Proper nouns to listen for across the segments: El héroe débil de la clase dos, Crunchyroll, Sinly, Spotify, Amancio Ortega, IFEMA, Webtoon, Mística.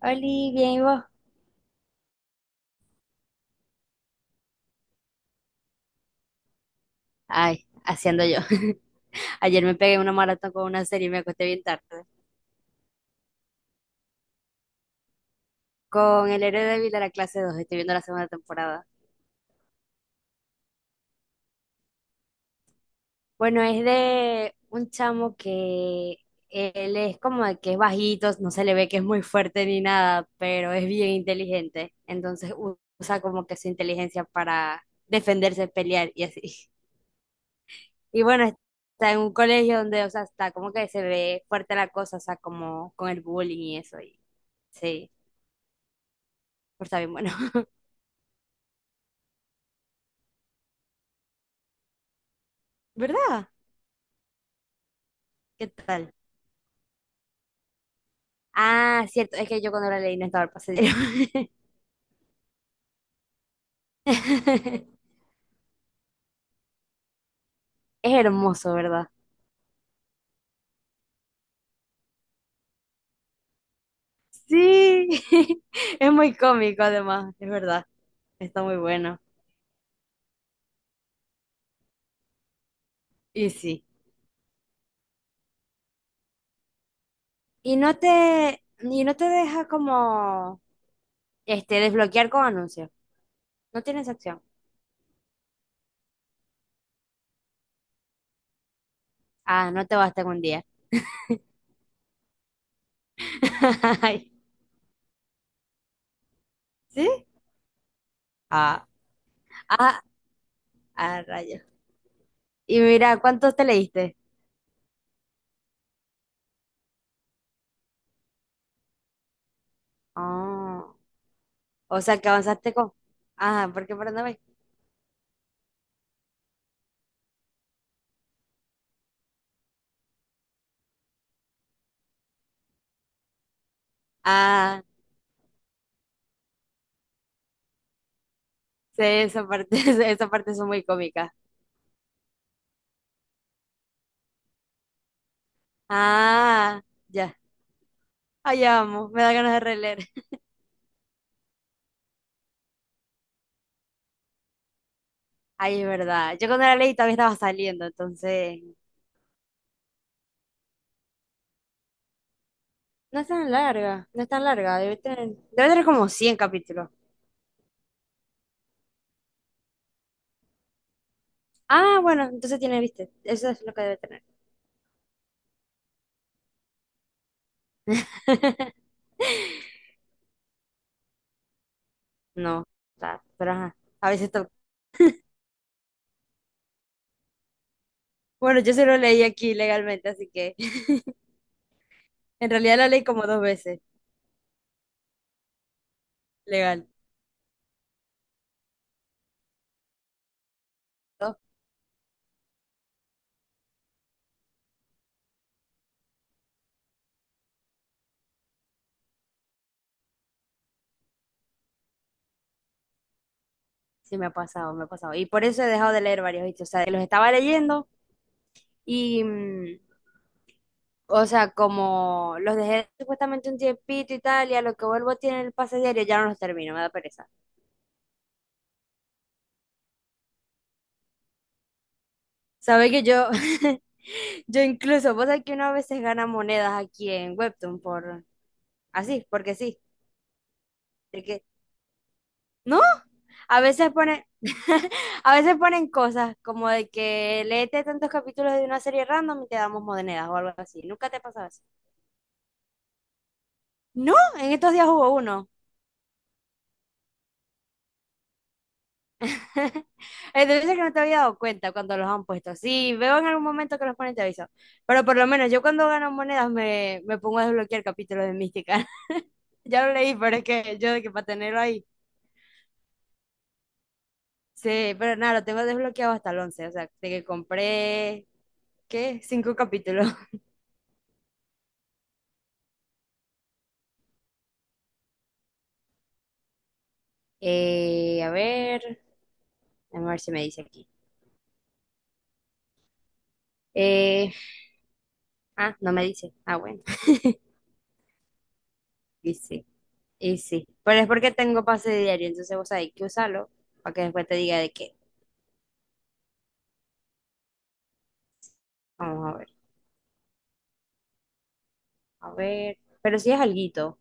Oli, bien, ¿y vos? Ay, haciendo yo. Ayer me pegué una maratón con una serie y me acosté bien tarde. Con El héroe débil de la clase dos estoy viendo la segunda temporada. Bueno, es de un chamo que él es como de que es bajito, no se le ve que es muy fuerte ni nada, pero es bien inteligente. Entonces usa como que su inteligencia para defenderse, pelear y así. Y bueno, está en un colegio donde, o sea, está como que se ve fuerte la cosa, o sea, como con el bullying y eso. Y, sí. Pero está bien bueno. ¿Verdad? ¿Qué tal? Ah, cierto, es que yo cuando la leí no estaba el pasadero. Es hermoso, ¿verdad? Sí, es muy cómico además, es verdad. Está muy bueno. Y sí. Y no te deja como desbloquear con anuncios. No tienes acción. Ah, no te basta con un día. Ay, ¿sí? Ah, ah, ah, rayos. Y mira, ¿cuántos te leíste? Ah. O sea, que avanzaste con... Ah, ¿por qué para no ver? Ah, sí, esa parte, esa parte son muy cómicas. Ah, ya. Ah, ya vamos, me da ganas de releer. Ay, es verdad. Yo cuando la leí todavía estaba saliendo, entonces... No es tan larga, no es tan larga. Debe tener como 100 capítulos. Ah, bueno, entonces tiene, viste, eso es lo que debe tener. No, pero ajá, a veces to-. Bueno, yo se lo leí aquí legalmente, así que en realidad la leí como dos veces, legal. Sí, me ha pasado, me ha pasado. Y por eso he dejado de leer varios, ¿viste? O sea, los estaba leyendo y, o sea, como los dejé supuestamente un tiempito y tal, y a lo que vuelvo tiene el pase diario, ya no los termino, me da pereza. Sabe que yo, yo incluso, vos sabés que uno a veces gana monedas aquí en Webtoon por, así, porque sí, de que, no, a veces ponen, a veces ponen cosas como de que léete tantos capítulos de una serie random y te damos monedas o algo así. ¿Nunca te ha pasado eso? No, en estos días hubo uno. Debe ser que no te había dado cuenta cuando los han puesto. Sí, veo en algún momento que los ponen, te aviso. Pero por lo menos yo cuando gano monedas me pongo a desbloquear capítulos de Mística. Ya lo leí, pero es que yo de que para tenerlo ahí. Sí, pero nada, lo tengo desbloqueado hasta el 11. O sea, de que compré, ¿qué? Cinco capítulos. A ver, a ver si me dice aquí. Eh, ah, no me dice. Ah, bueno. Y sí, y sí. Pero es porque tengo pase diario, entonces vos hay que usarlo para que después te diga de qué. Vamos a ver. A ver, pero sí es alguito.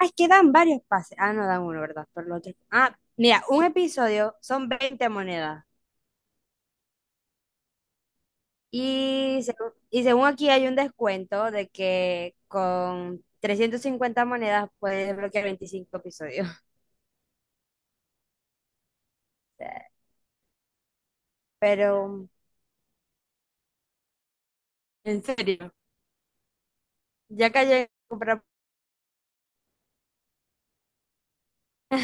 Ah, es que dan varios pases. Ah, no dan uno, ¿verdad? Pero los otros. Ah, mira, un episodio son 20 monedas. Y según aquí hay un descuento de que con 350 monedas puedes desbloquear 25 episodios. Pero, en serio, ya que llegué a comprar-.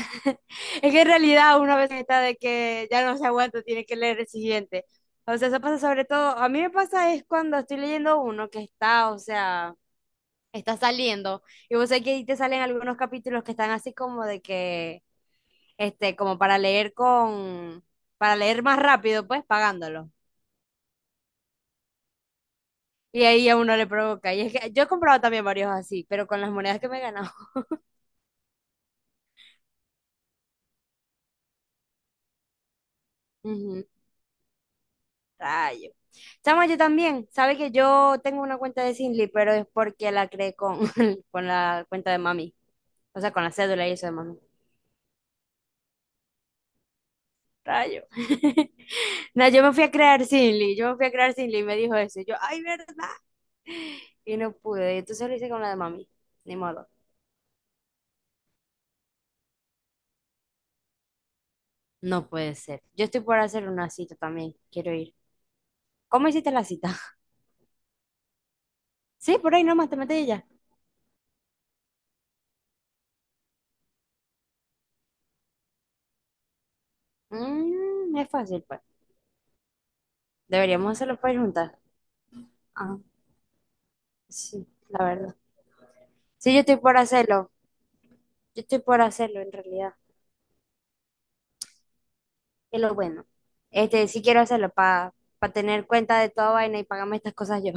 Es que en realidad una vez está de que ya no se aguanta, tiene que leer el siguiente. O sea, eso pasa sobre todo, a mí me pasa es cuando estoy leyendo uno que está, o sea... está saliendo. Y vos sabés que ahí te salen algunos capítulos que están así como de que, este, como para leer con, para leer más rápido, pues pagándolo. Y ahí a uno le provoca. Y es que yo he comprado también varios así, pero con las monedas que me he ganado. Ujú, rayo. Chama, yo también. Sabe que yo tengo una cuenta de Sinly pero es porque la creé con, con la cuenta de mami. O sea, con la cédula y eso de mami. Rayo. No, yo me fui a crear Sinly y me dijo eso. Y yo, ay, ¿verdad? Y no pude. Entonces lo hice con la de mami. Ni modo. No puede ser. Yo estoy por hacer una cita también. Quiero ir. ¿Cómo hiciste la cita? Sí, por ahí nomás te metes y ya. Mm, es fácil, pues. Deberíamos hacerlo para ir juntas. Ah, sí, la verdad. Sí, yo estoy por hacerlo. Yo estoy por hacerlo en realidad. Es lo bueno. Este, sí quiero hacerlo para tener cuenta de toda vaina y pagarme estas cosas yo.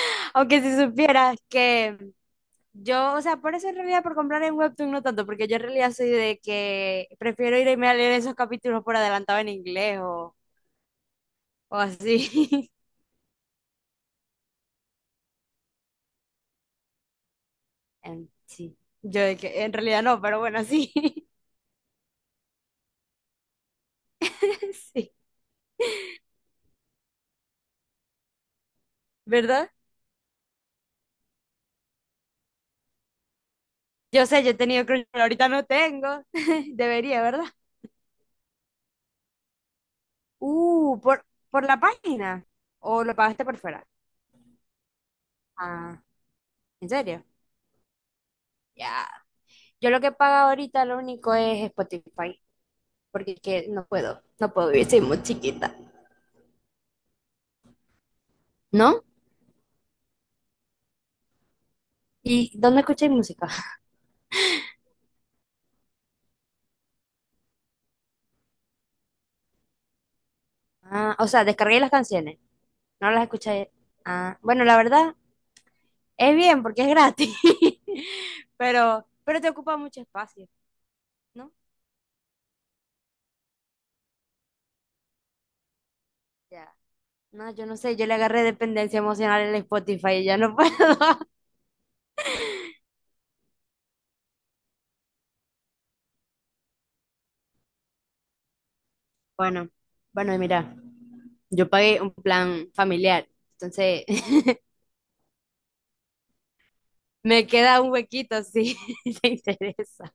Aunque si supieras que yo, o sea, por eso en realidad por comprar en Webtoon no tanto, porque yo en realidad soy de que prefiero irme a leer esos capítulos por adelantado en inglés o así. Sí, yo de que en realidad no, pero bueno, sí, sí, ¿verdad? Yo sé, yo he tenido Crunchyroll, ahorita no tengo, debería, ¿verdad? Por la página, o lo pagaste por fuera. Ah, ¿en serio? Ya. Yo lo que pago ahorita lo único es Spotify, porque que no puedo, no puedo vivir, soy muy chiquita. ¿No? ¿Y dónde escucháis música? Ah, o sea, descarguéis las canciones, no las escucháis. Ah, bueno, la verdad es bien porque es gratis, pero te ocupa mucho espacio, ¿no? Ya. No, yo no sé, yo le agarré dependencia emocional al Spotify y ya no puedo. Bueno, bueno, y mira, yo pagué un plan familiar, entonces me queda un huequito si te interesa.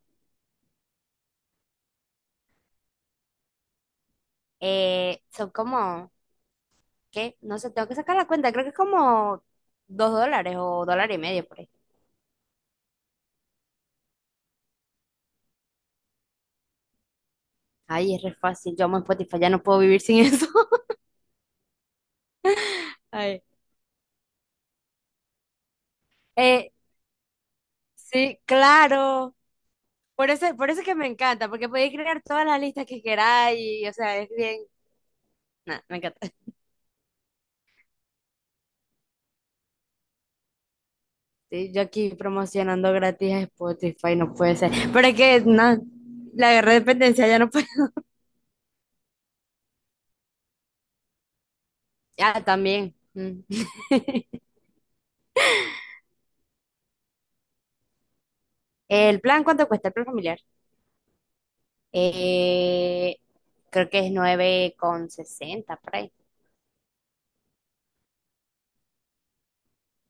Son como, ¿qué? No sé, tengo que sacar la cuenta, creo que es como $2 o dólar y medio por ahí. Ay, es re fácil. Yo amo Spotify, ya no puedo vivir sin eso. Ay. Eh, sí, claro. Por eso es que me encanta, porque podéis crear todas las listas que queráis y, o sea, es bien. Nah, me encanta. Sí, yo aquí promocionando gratis a Spotify, no puede ser. Pero es que, no, la guerra de dependencia ya no puede. Ah, también. Mm. ¿El plan cuánto cuesta? El plan familiar. Eh, Creo que es 9,60. Por ahí.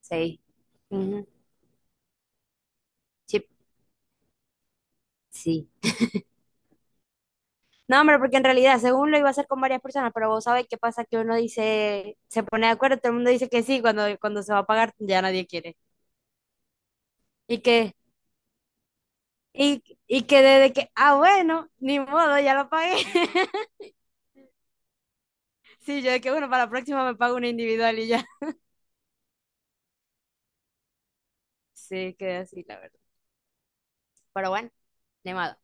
Sí. Ujú. Sí. Sí. No, hombre, porque en realidad, según lo iba a hacer con varias personas, pero vos sabés qué pasa que uno dice, se pone de acuerdo, todo el mundo dice que sí, cuando se va a pagar ya nadie quiere. Y que, y que desde que, ah, bueno, ni modo, ya lo pagué. Sí, yo de que, bueno, para la próxima me pago una individual y ya. Sí, quedé así, la verdad. Pero bueno, ni modo.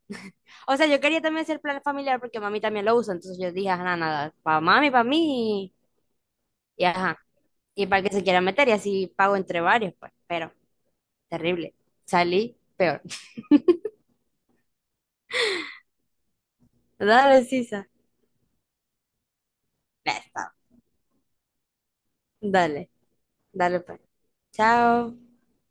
O sea, yo quería también hacer plan familiar porque mami también lo usa, entonces yo dije, ajá, nada, nada, para mami, para mí, y ajá, y para el que se quiera meter, y así pago entre varios, pues, pero terrible. Salí peor. Dale, Sisa. Ya está. Dale, dale, pues. Chao.